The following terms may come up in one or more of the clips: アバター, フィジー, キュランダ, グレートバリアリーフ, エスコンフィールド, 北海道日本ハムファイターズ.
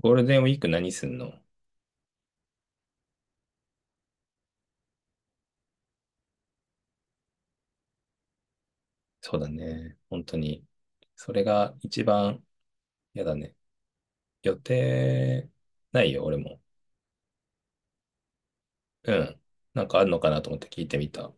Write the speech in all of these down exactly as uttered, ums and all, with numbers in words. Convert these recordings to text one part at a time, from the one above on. ゴールデンウィーク何すんの？そうだね。本当に。それが一番嫌だね。予定ないよ、俺も。うん。なんかあるのかなと思って聞いてみた。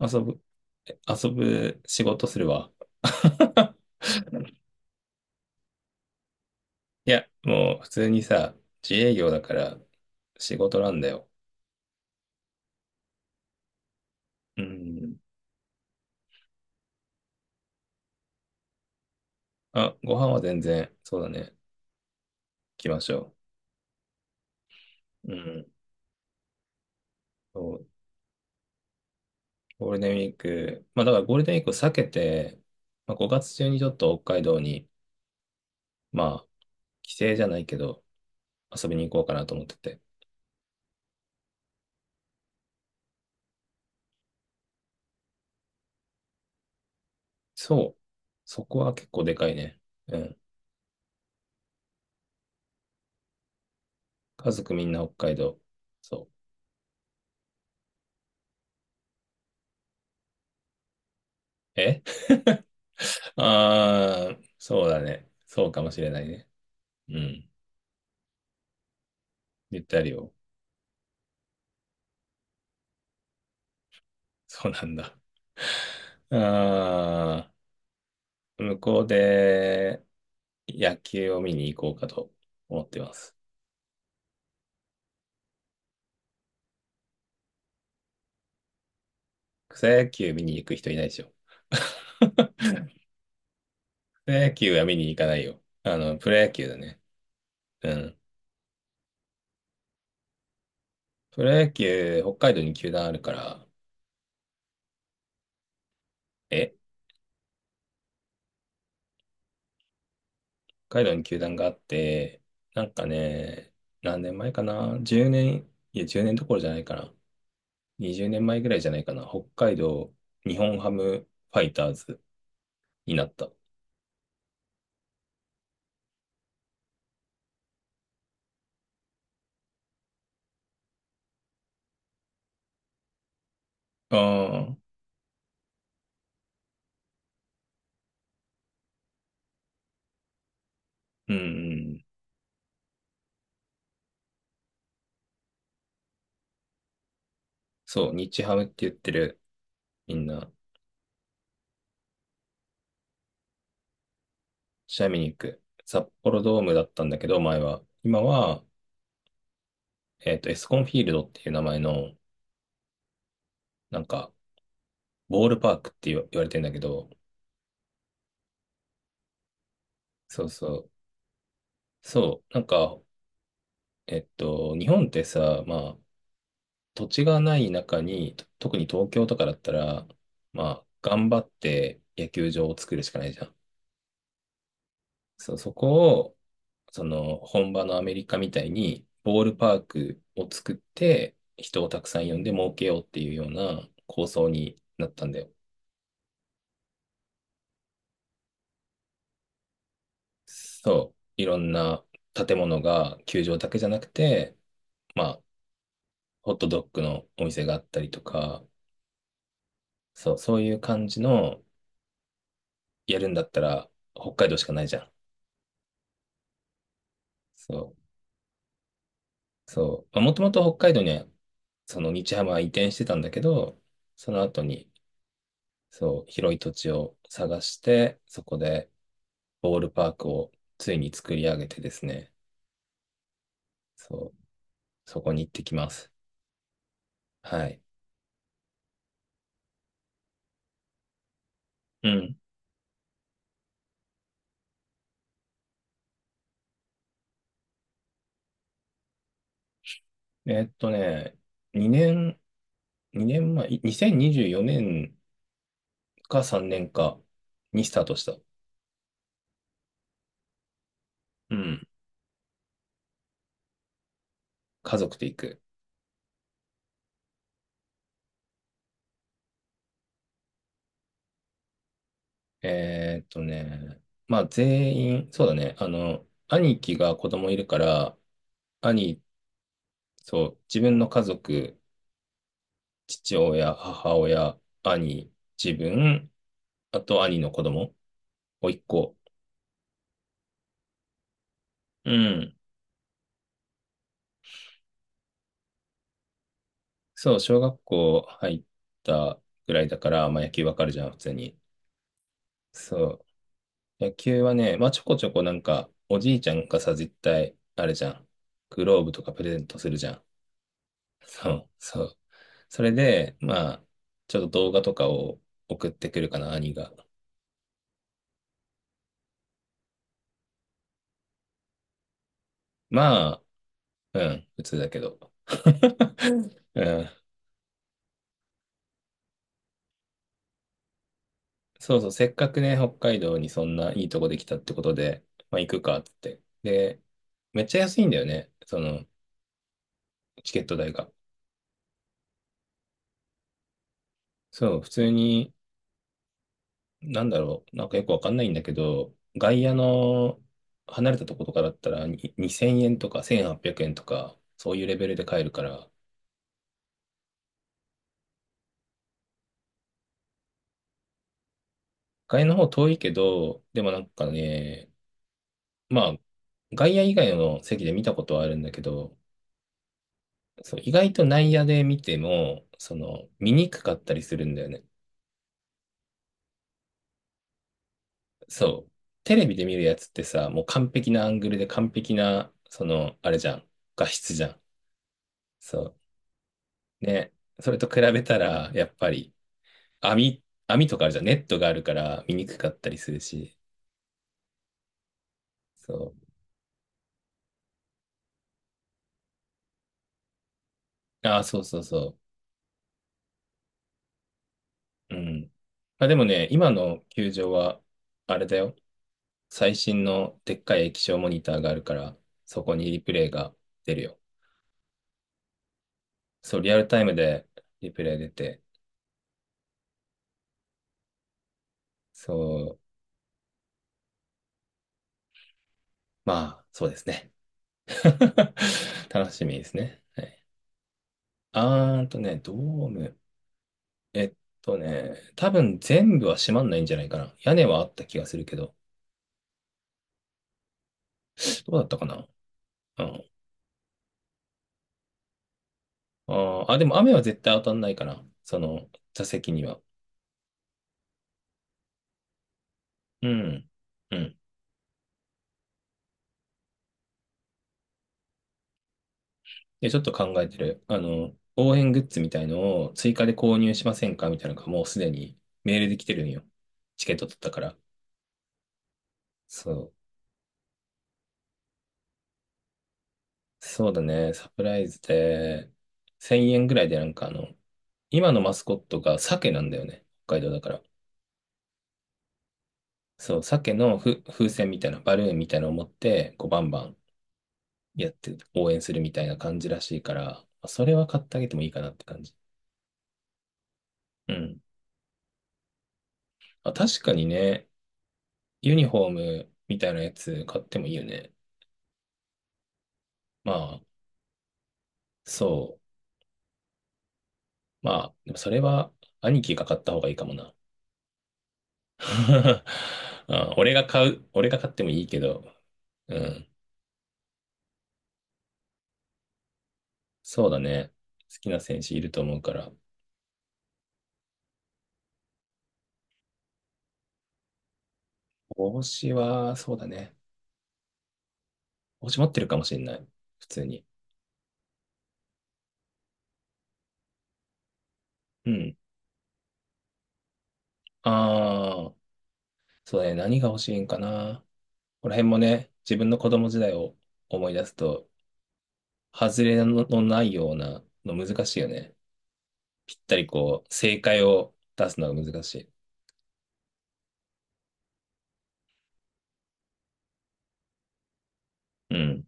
遊ぶ、え遊ぶ仕事するわ。いや、もう普通にさ、自営業だから仕事なんだよ。うん。あ、ご飯は全然、そうだね。行きましょう。うん。そう。ゴールデンウィーク、まあだからゴールデンウィークを避けて、まあ、ごがつ中にちょっと北海道に、まあ、帰省じゃないけど、遊びに行こうかなと思ってて。そう。そこは結構でかいね。うん。家族みんな北海道。そう。え あー、そうだね。そうかもしれないね。うん。言ってあるよ。そうなんだ。あー、向こうで野球を見に行こうかと思ってます。草野球見に行く人いないでしょ。プロ野球は見に行かないよ。あの、プロ野球だね。うん。プロ野球、北海道に球団あるから、え北海道に球団があって、なんかね、何年前かな ?じゅう 年、いや、じゅうねんどころじゃないかな。にじゅうねんまえぐらいじゃないかな。北海道日本ハムファイターズになった。ああ、うんうん。そう、日ハムって言ってる、みんな。試合見に行く。札幌ドームだったんだけど、前は。今は、えっと、エスコンフィールドっていう名前の、なんか、ボールパークって言わ言われてんだけど、そうそう。そう、なんか、えっと、日本ってさ、まあ、土地がない中に、と特に東京とかだったら、まあ、頑張って野球場を作るしかないじゃん。そう、そこを、その、本場のアメリカみたいに、ボールパークを作って、人をたくさん呼んで儲けようっていうような構想になったんだよ。そう、いろんな建物が球場だけじゃなくて、まあ、ホットドッグのお店があったりとか、そう、そういう感じの、やるんだったら、北海道しかないじゃん。そう、そう。まあもともと北海道には、その日ハムは移転してたんだけど、その後に、そう、広い土地を探して、そこでボールパークをついに作り上げてですね、そう、そこに行ってきます。はい。うん。えーっとね、にねん、にねんまえ、いにせんにじゅうよねんかさんねんかにスタートした。うん。家族で行く。えーっとね、まあ全員、そうだね、あの、兄貴が子供いるから、兄、そう、自分の家族、父親、母親、兄、自分、あと兄の子供、甥っ子。うん。そう、小学校入ったぐらいだから、まあ野球わかるじゃん、普通に。そう。野球はね、まあちょこちょこなんか、おじいちゃんがさ、絶対、あれじゃん。グローブとかプレゼントするじゃん。そう、そう。それで、まあ、ちょっと動画とかを送ってくるかな、兄が。まあ、うん、普通だけど。うん。そうそう、せっかくね、北海道にそんないいとこできたってことで、まあ行くかっつって。で、めっちゃ安いんだよね、その、チケット代が。そう、普通に、なんだろう、なんかよくわかんないんだけど、外野の離れたとことかだったらににせんえんとかせんはっぴゃくえんとか、そういうレベルで買えるから、外の方遠いけど、でもなんかね、まあ、外野以外の席で見たことはあるんだけど、そう、意外と内野で見ても、その、見にくかったりするんだよね。そう。テレビで見るやつってさ、もう完璧なアングルで完璧な、その、あれじゃん。画質じゃん。そう。ね。それと比べたら、やっぱり、網、網とかあるじゃん。ネットがあるから見にくかったりするし。そう。ああ、そうそうそう。うん。まあでもね、今の球場は、あれだよ。最新のでっかい液晶モニターがあるから、そこにリプレイが出るよ。そう、リアルタイムでリプレイ出て、そう、まあ、そうですね。楽しみですね。はい、あーんとね、ドーム。えっとね、多分全部は閉まんないんじゃないかな。屋根はあった気がするけど、どうだったかな。うん。あーあ、でも雨は絶対当たんないかな。その座席には。うん。うんで、ちょっと考えてる。あの、応援グッズみたいのを追加で購入しませんかみたいなのがもうすでにメールで来てるんよ。チケット取ったから。そう。そうだね。サプライズで、せんえんぐらいでなんかあの、今のマスコットが鮭なんだよね。北海道だから。そう、鮭のふ風船みたいな、バルーンみたいなのを持って、こうバンバンやって応援するみたいな感じらしいから、それは買ってあげてもいいかなって感じ。うん。あ、確かにね、ユニフォームみたいなやつ買ってもいいよね。まあ、そう。まあ、でもそれは兄貴が買った方がいいかもな。あ俺が買う、俺が買ってもいいけど、うん。そうだね。好きな選手いると思うから。帽子は、そうだね。帽子持ってるかもしれない。普通に。うん。ああ、そうだね。何が欲しいんかな。この辺もね、自分の子供時代を思い出すと、外れののないようなの難しいよね。ぴったりこう、正解を出すのが難しい。うん。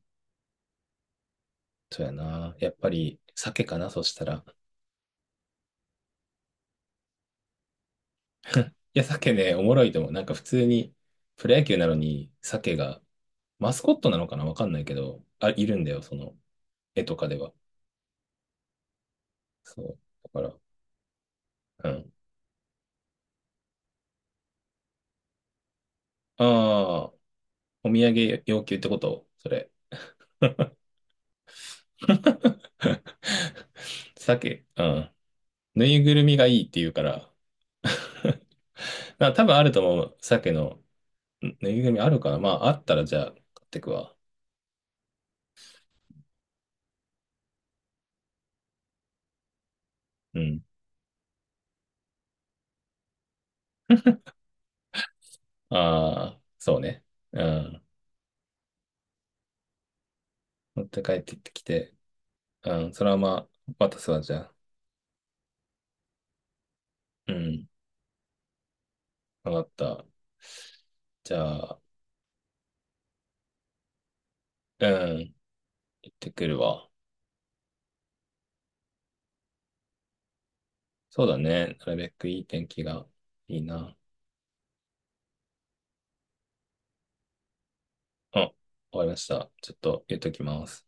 そうやな。やっぱり、鮭かな、そしたら。いや、鮭ね、おもろいと思う。なんか普通に、プロ野球なのに、鮭が、マスコットなのかなわかんないけど、あ、いるんだよ、その、絵とかでは。そう。だから、うん。ああ、お土産要求ってことそれ。鮭、うん。ぬいぐるみがいいって言うから。まあ、多分あると思う。鮭の、んぬいぐるみあるかなまあ、あったらじゃあ、買ってくわ。うん。ああ、そうね。うん。持って帰ってきて、うん、それはまあ、渡すわ、じゃあ。うん、わかった。じゃあ、うん、行ってくるわ。そうだね。なるべくいい天気がいいな。あ、終わりました。ちょっと言っときます。